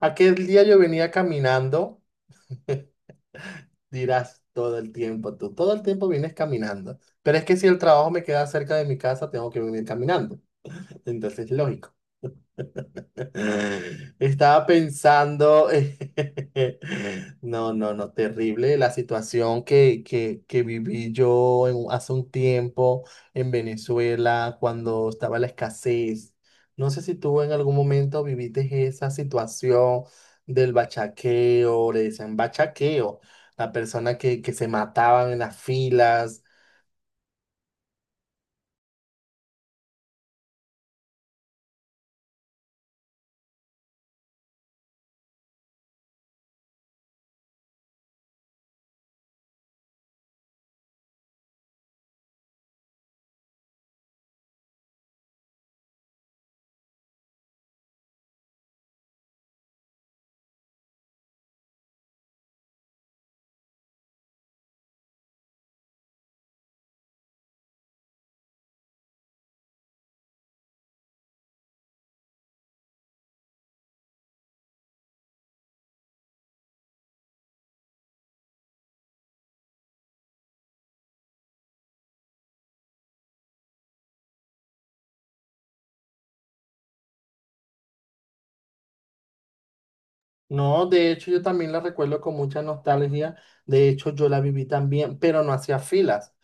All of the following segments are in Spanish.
Aquel día yo venía caminando. Dirás todo el tiempo, tú todo el tiempo vienes caminando, pero es que si el trabajo me queda cerca de mi casa, tengo que venir caminando, entonces lógico. Estaba pensando. No, no, no, terrible la situación que viví yo en hace un tiempo en Venezuela cuando estaba la escasez. No sé si tú en algún momento viviste esa situación del bachaqueo, le decían bachaqueo, la persona que se mataban en las filas. No, de hecho yo también la recuerdo con mucha nostalgia. De hecho yo la viví también, pero no hacía filas.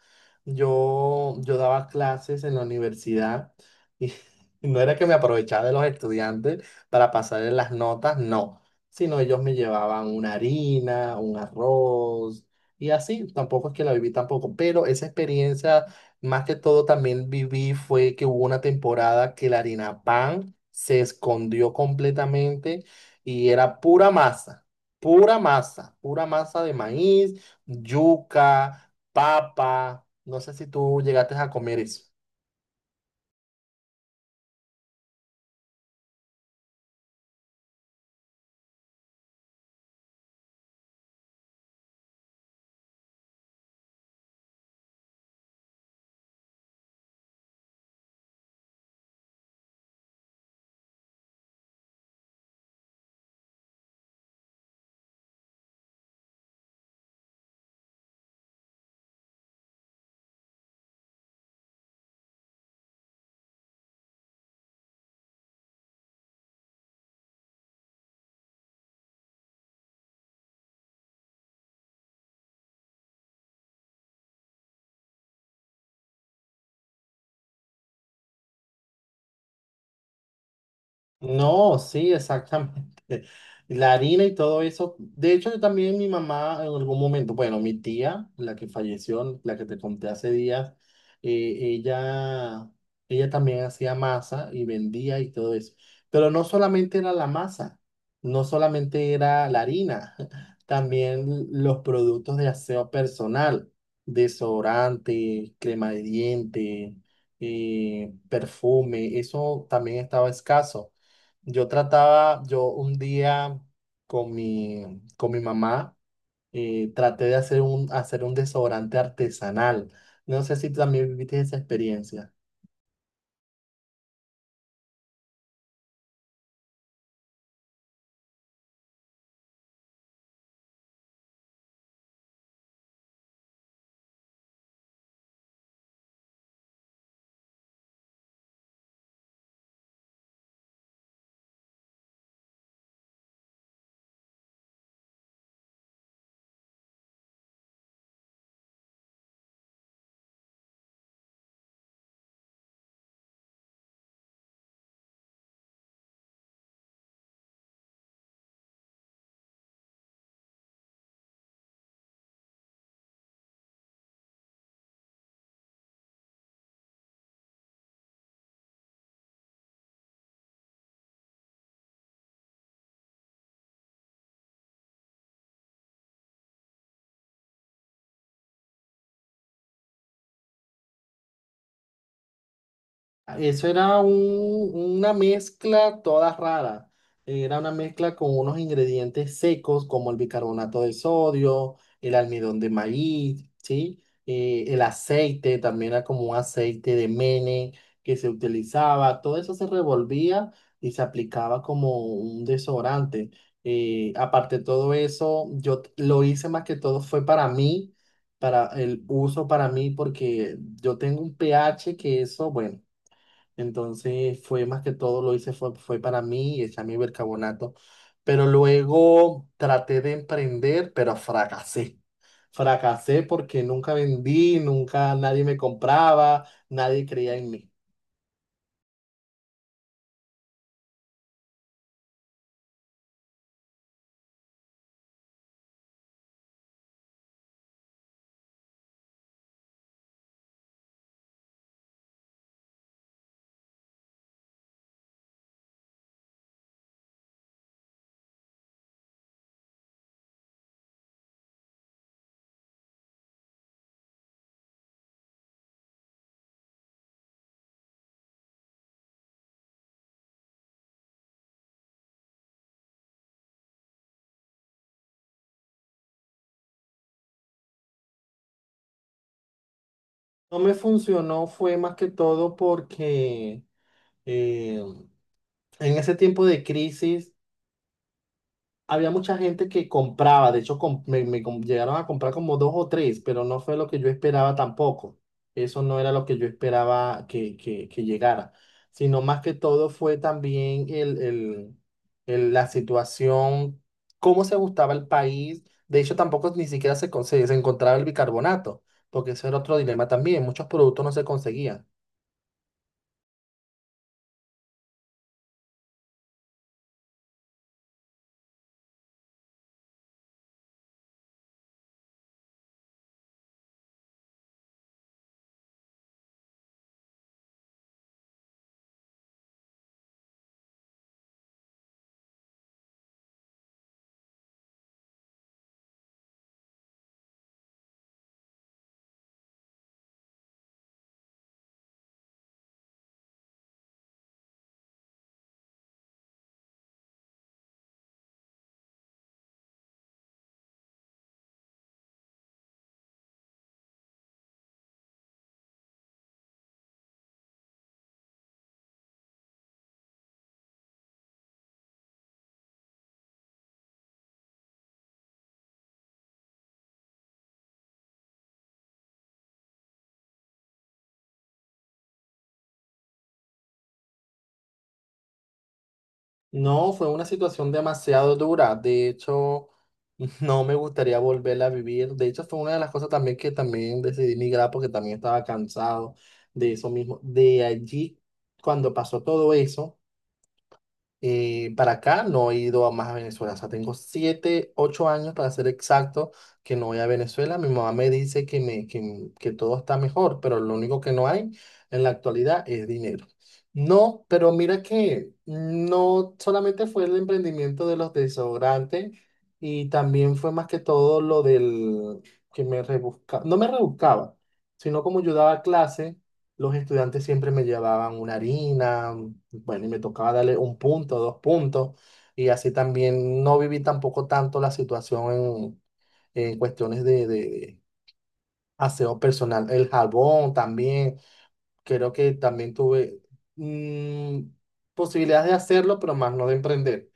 Yo daba clases en la universidad y no era que me aprovechaba de los estudiantes para pasarles las notas, no, sino ellos me llevaban una harina, un arroz y así. Tampoco es que la viví tampoco, pero esa experiencia más que todo también viví fue que hubo una temporada que la harina pan se escondió completamente y era pura masa, pura masa, pura masa de maíz, yuca, papa. No sé si tú llegaste a comer eso. No, sí, exactamente. La harina y todo eso. De hecho, yo también mi mamá en algún momento, bueno, mi tía, la que falleció, la que te conté hace días, ella, ella también hacía masa y vendía y todo eso. Pero no solamente era la masa, no solamente era la harina, también los productos de aseo personal, desodorante, crema de diente, perfume, eso también estaba escaso. Yo trataba, yo un día con mi mamá, traté de hacer un desodorante artesanal. No sé si también viviste esa experiencia. Claro. Eso era una mezcla toda rara. Era una mezcla con unos ingredientes secos como el bicarbonato de sodio, el almidón de maíz, ¿sí? El aceite también era como un aceite de mene que se utilizaba. Todo eso se revolvía y se aplicaba como un desodorante. Aparte de todo eso, yo lo hice más que todo fue para mí, para el uso para mí, porque yo tengo un pH que eso, bueno. Entonces fue más que todo lo hice fue, fue para mí y echarme bicarbonato. Pero luego traté de emprender, pero fracasé. Fracasé porque nunca vendí, nunca nadie me compraba, nadie creía en mí. No me funcionó, fue más que todo porque eh, en ese tiempo de crisis había mucha gente que compraba, de hecho me, llegaron a comprar como dos o tres, pero no fue lo que yo esperaba tampoco. Eso no era lo que yo esperaba que llegara, sino más que todo fue también el, la situación, cómo se gustaba el país. De hecho, tampoco ni siquiera se, se encontraba el bicarbonato, porque eso era otro dilema también. Muchos productos no se conseguían. No, fue una situación demasiado dura. De hecho, no me gustaría volverla a vivir. De hecho, fue una de las cosas también que también decidí migrar porque también estaba cansado de eso mismo. De allí, cuando pasó todo eso, para acá no he ido a más a Venezuela. O sea, tengo 7, 8 años para ser exacto que no voy a Venezuela. Mi mamá me dice que todo está mejor, pero lo único que no hay en la actualidad es dinero. No, pero mira que no solamente fue el emprendimiento de los desodorantes y también fue más que todo lo del que me rebuscaba, no me rebuscaba, sino como yo daba clase los estudiantes siempre me llevaban una harina, bueno, y me tocaba darle un punto, dos puntos, y así también no viví tampoco tanto la situación en cuestiones de aseo personal. El jabón también, creo que también tuve mm, posibilidades de hacerlo, pero más no de emprender.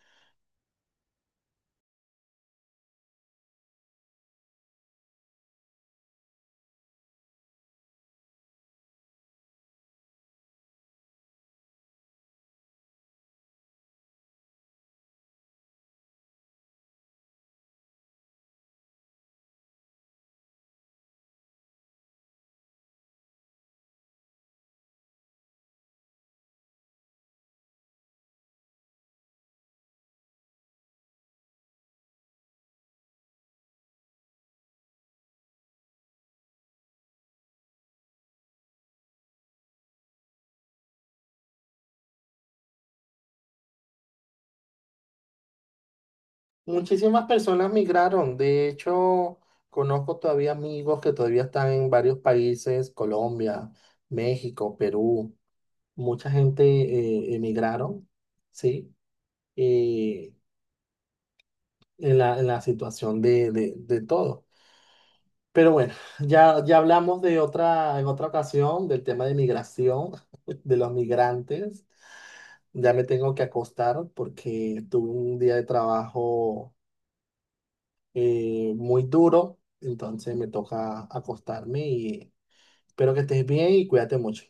Muchísimas personas migraron, de hecho, conozco todavía amigos que todavía están en varios países, Colombia, México, Perú. Mucha gente emigraron, ¿sí? Eh, en la situación de todo. Pero bueno, ya, ya hablamos de otra, en otra ocasión del tema de migración, de los migrantes. Ya me tengo que acostar porque tuve un día de trabajo muy duro, entonces me toca acostarme y espero que estés bien y cuídate mucho.